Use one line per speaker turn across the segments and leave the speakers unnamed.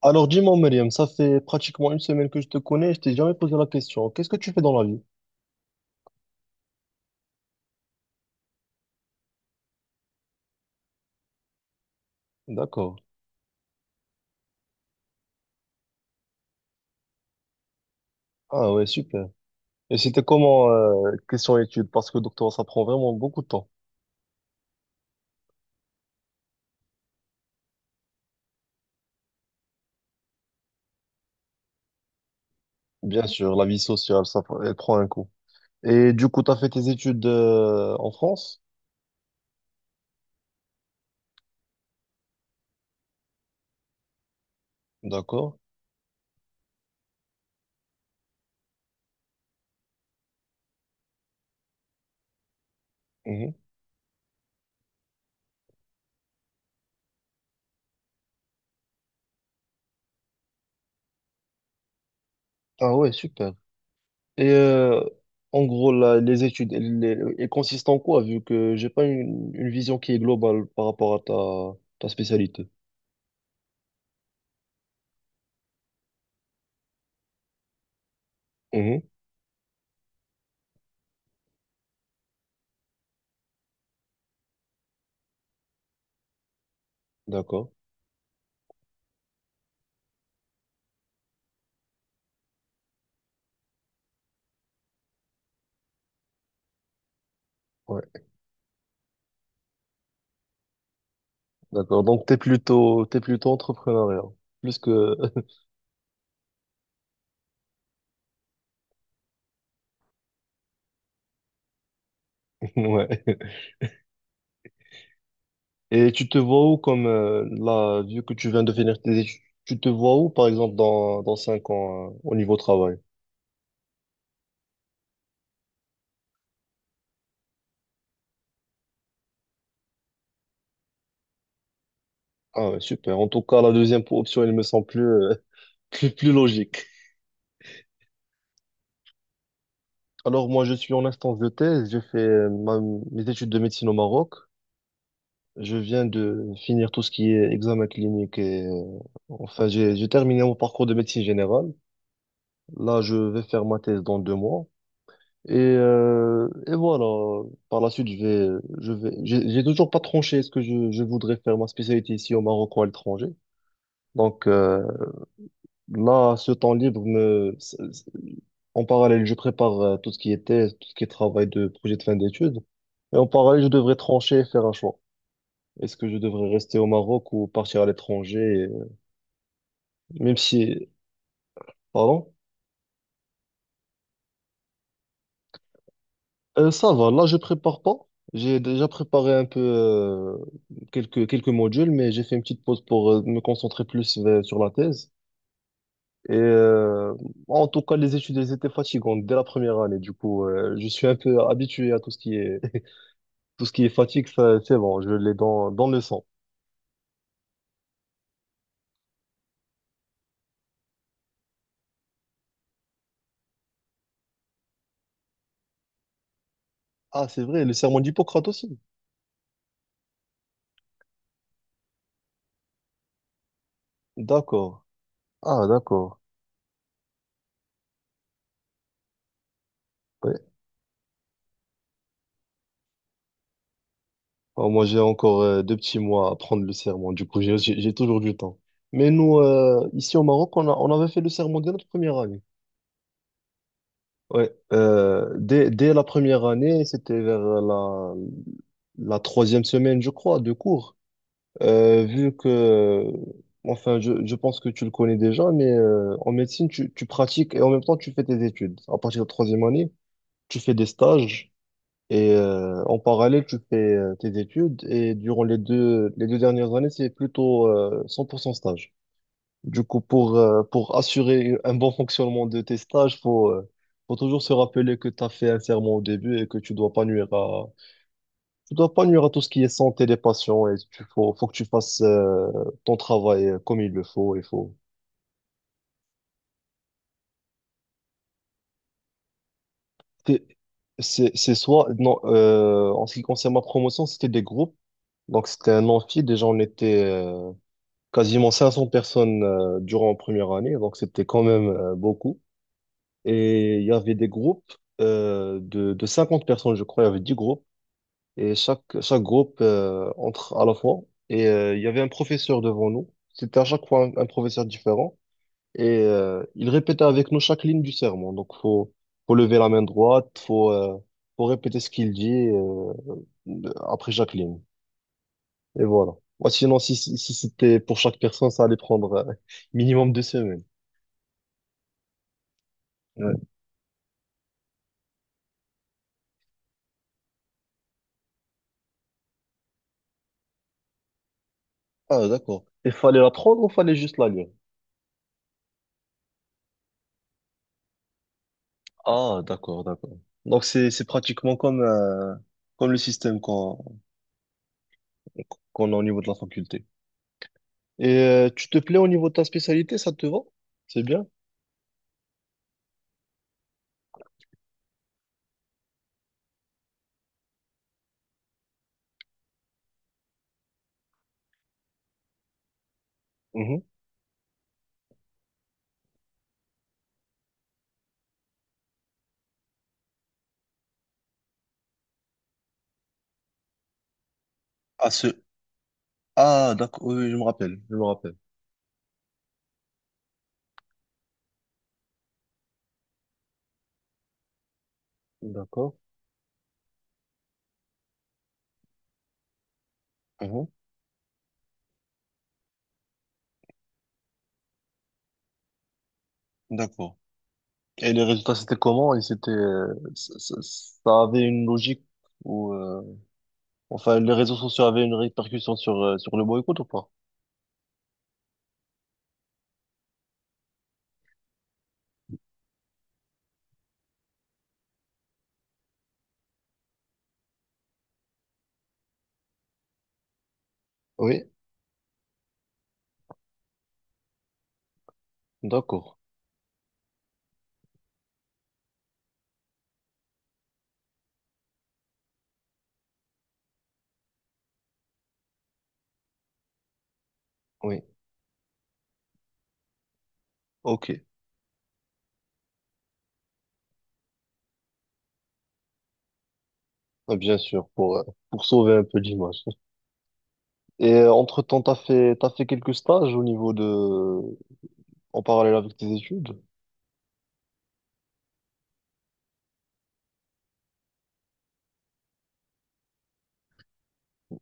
Alors dis-moi, Myriam, ça fait pratiquement une semaine que je te connais, je t'ai jamais posé la question. Qu'est-ce que tu fais dans la vie? D'accord. Ah ouais, super. Et c'était comment question études? Parce que doctorat, ça prend vraiment beaucoup de temps. Bien sûr, la vie sociale, elle prend un coup. Et du coup, tu as fait tes études en France? D'accord. Mhm. Ah ouais, super. Et en gros, là, les études, elles consistent en quoi, vu que j'ai pas une vision qui est globale par rapport à ta spécialité? Mhm. D'accord. D'accord. Donc, t'es plutôt entrepreneuriat. Plus que, ouais. Et tu te vois où comme, là, vu que tu viens de finir tes études, tu te vois où, par exemple, dans 5 ans, au niveau travail? Ah ouais, super. En tout cas, la deuxième option, elle me semble plus logique. Alors, moi, je suis en instance de thèse. J'ai fait mes études de médecine au Maroc. Je viens de finir tout ce qui est examen clinique j'ai terminé mon parcours de médecine générale. Là, je vais faire ma thèse dans 2 mois. Et voilà, par la suite, j'ai toujours pas tranché, est-ce que je voudrais faire ma spécialité ici au Maroc ou à l'étranger. Donc là, ce temps libre me, c- c- en parallèle, je prépare tout ce qui est thèse, tout ce qui est travail de projet de fin d'études. Et en parallèle, je devrais trancher et faire un choix. Est-ce que je devrais rester au Maroc ou partir à l'étranger, euh, même si, pardon? Ça va, là je prépare pas. J'ai déjà préparé un peu quelques modules, mais j'ai fait une petite pause pour me concentrer plus sur la thèse. Et en tout cas, les études elles étaient fatigantes dès la première année. Du coup, je suis un peu habitué à tout ce qui est tout ce qui est fatigue, ça, c'est bon, je l'ai dans le sang. Ah, c'est vrai, le serment d'Hippocrate aussi. D'accord. Ah, d'accord. Ouais. Oh, moi, j'ai encore 2 petits mois à prendre le serment. Du coup, j'ai toujours du temps. Mais nous, ici au Maroc, on avait fait le serment dès notre première année. Ouais. Dès la première année, c'était vers la troisième semaine, je crois, de cours. Vu que, enfin, je pense que tu le connais déjà, mais en médecine, tu pratiques et en même temps, tu fais tes études. À partir de la troisième année, tu fais des stages. Et en parallèle, tu fais tes études et durant les deux dernières années, c'est plutôt 100% stage. Du coup, pour assurer un bon fonctionnement de tes stages, faut toujours se rappeler que tu as fait un serment au début et que tu dois pas tu dois pas nuire à tout ce qui est santé des patients et faut que tu fasses ton travail comme il le faut. Il faut. T'es- c'est soit, non, en ce qui concerne ma promotion, c'était des groupes. Donc, c'était un amphi. Déjà, on était quasiment 500 personnes durant la première année, donc c'était quand même beaucoup. Et il y avait des groupes de 50 personnes, je crois, il y avait 10 groupes, et chaque groupe entre à la fois. Et il y avait un professeur devant nous, c'était à chaque fois un professeur différent, et il répétait avec nous chaque ligne du sermon. Faut lever la main droite, faut répéter ce qu'il dit après chaque ligne. Et voilà. Moi, sinon, si c'était pour chaque personne, ça allait prendre minimum 2 semaines. Ouais. Ah, d'accord. Il fallait la prendre ou fallait juste la lire? Ah, d'accord, d'accord. Donc, c'est pratiquement comme, comme le système qu'on a au niveau de la faculté. Et tu te plais au niveau de ta spécialité, ça te va? C'est bien? Mhm. Ah, ce... Ah, d'accord, oui, oui, je me rappelle. D'accord. Mhm. D'accord. Et les résultats, c'était comment? Et ça avait une logique ou les réseaux sociaux avaient une répercussion sur, sur le boycott ou pas? Oui. D'accord. Oui. Ok. Ouais, bien sûr, pour sauver un peu l'image. Et entre-temps, t'as fait quelques stages au niveau de... en parallèle avec tes études?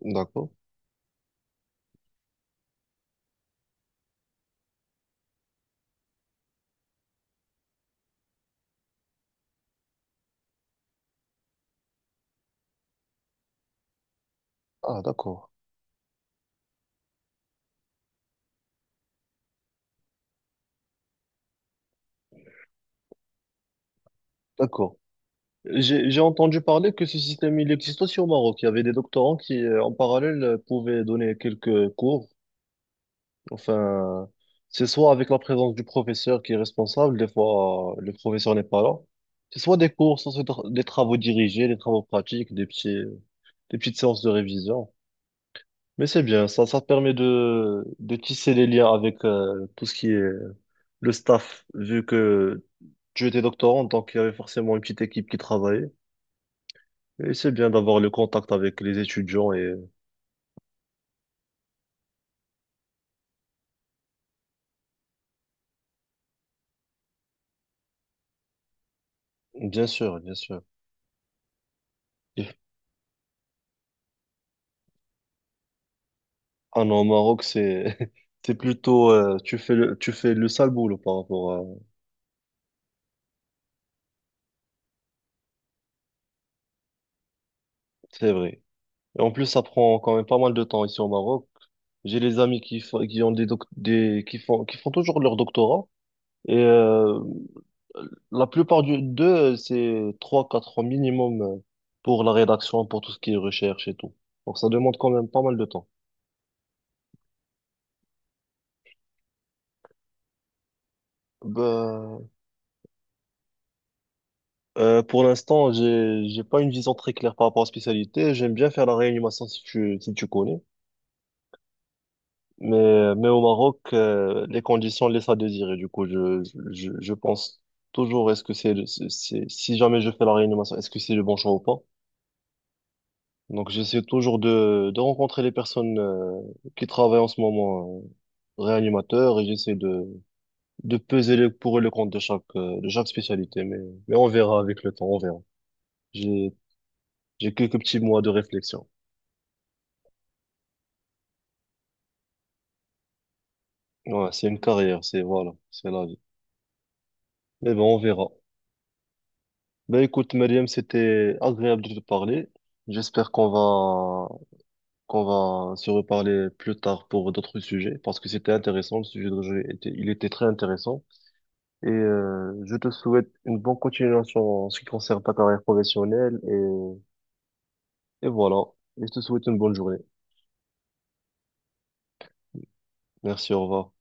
D'accord. Ah, d'accord. D'accord. J'ai entendu parler que ce système, il existe aussi au Maroc. Il y avait des doctorants qui, en parallèle, pouvaient donner quelques cours. Enfin, c'est soit avec la présence du professeur qui est responsable, des fois, le professeur n'est pas là. C'est soit des cours, soit des travaux dirigés, des travaux pratiques, des petites séances de révision. Mais c'est bien, ça te permet de tisser les liens avec tout ce qui est le staff, vu que tu étais doctorant, donc il y avait forcément une petite équipe qui travaillait. Et c'est bien d'avoir le contact avec les étudiants et bien sûr, bien sûr. Et- Ah non, au Maroc, c'est c'est plutôt tu fais le sale boulot par rapport à c'est vrai. Et en plus, ça prend quand même pas mal de temps ici au Maroc. J'ai les amis qui ont des doc- des qui font toujours leur doctorat et la plupart d'eux, c'est 3 4 ans minimum pour la rédaction, pour tout ce qui est recherche et tout. Donc ça demande quand même pas mal de temps. Ben, pour l'instant, j'ai pas une vision très claire par rapport aux spécialités. J'aime bien faire la réanimation si tu connais. Mais au Maroc, les conditions laissent à désirer. Je pense toujours, est-ce que c'est, le- c'est- si jamais je fais la réanimation, est-ce que c'est le bon choix ou pas? Donc j'essaie toujours de rencontrer les personnes qui travaillent en ce moment réanimateurs et j'essaie de peser le pour et le contre de de chaque spécialité. Mais on verra avec le temps, on verra. J'ai, j'ai quelques petits mois de réflexion. Ouais, c'est une carrière, c'est voilà, c'est la vie. Mais bon, on verra. Ben écoute, Mariam, c'était agréable de te parler. J'espère qu'on va se reparler plus tard pour d'autres sujets parce que c'était intéressant, le sujet de jeu il était très intéressant. Et je te souhaite une bonne continuation en ce qui concerne ta carrière professionnelle. Et voilà. Et je te souhaite une bonne journée. Merci, au revoir.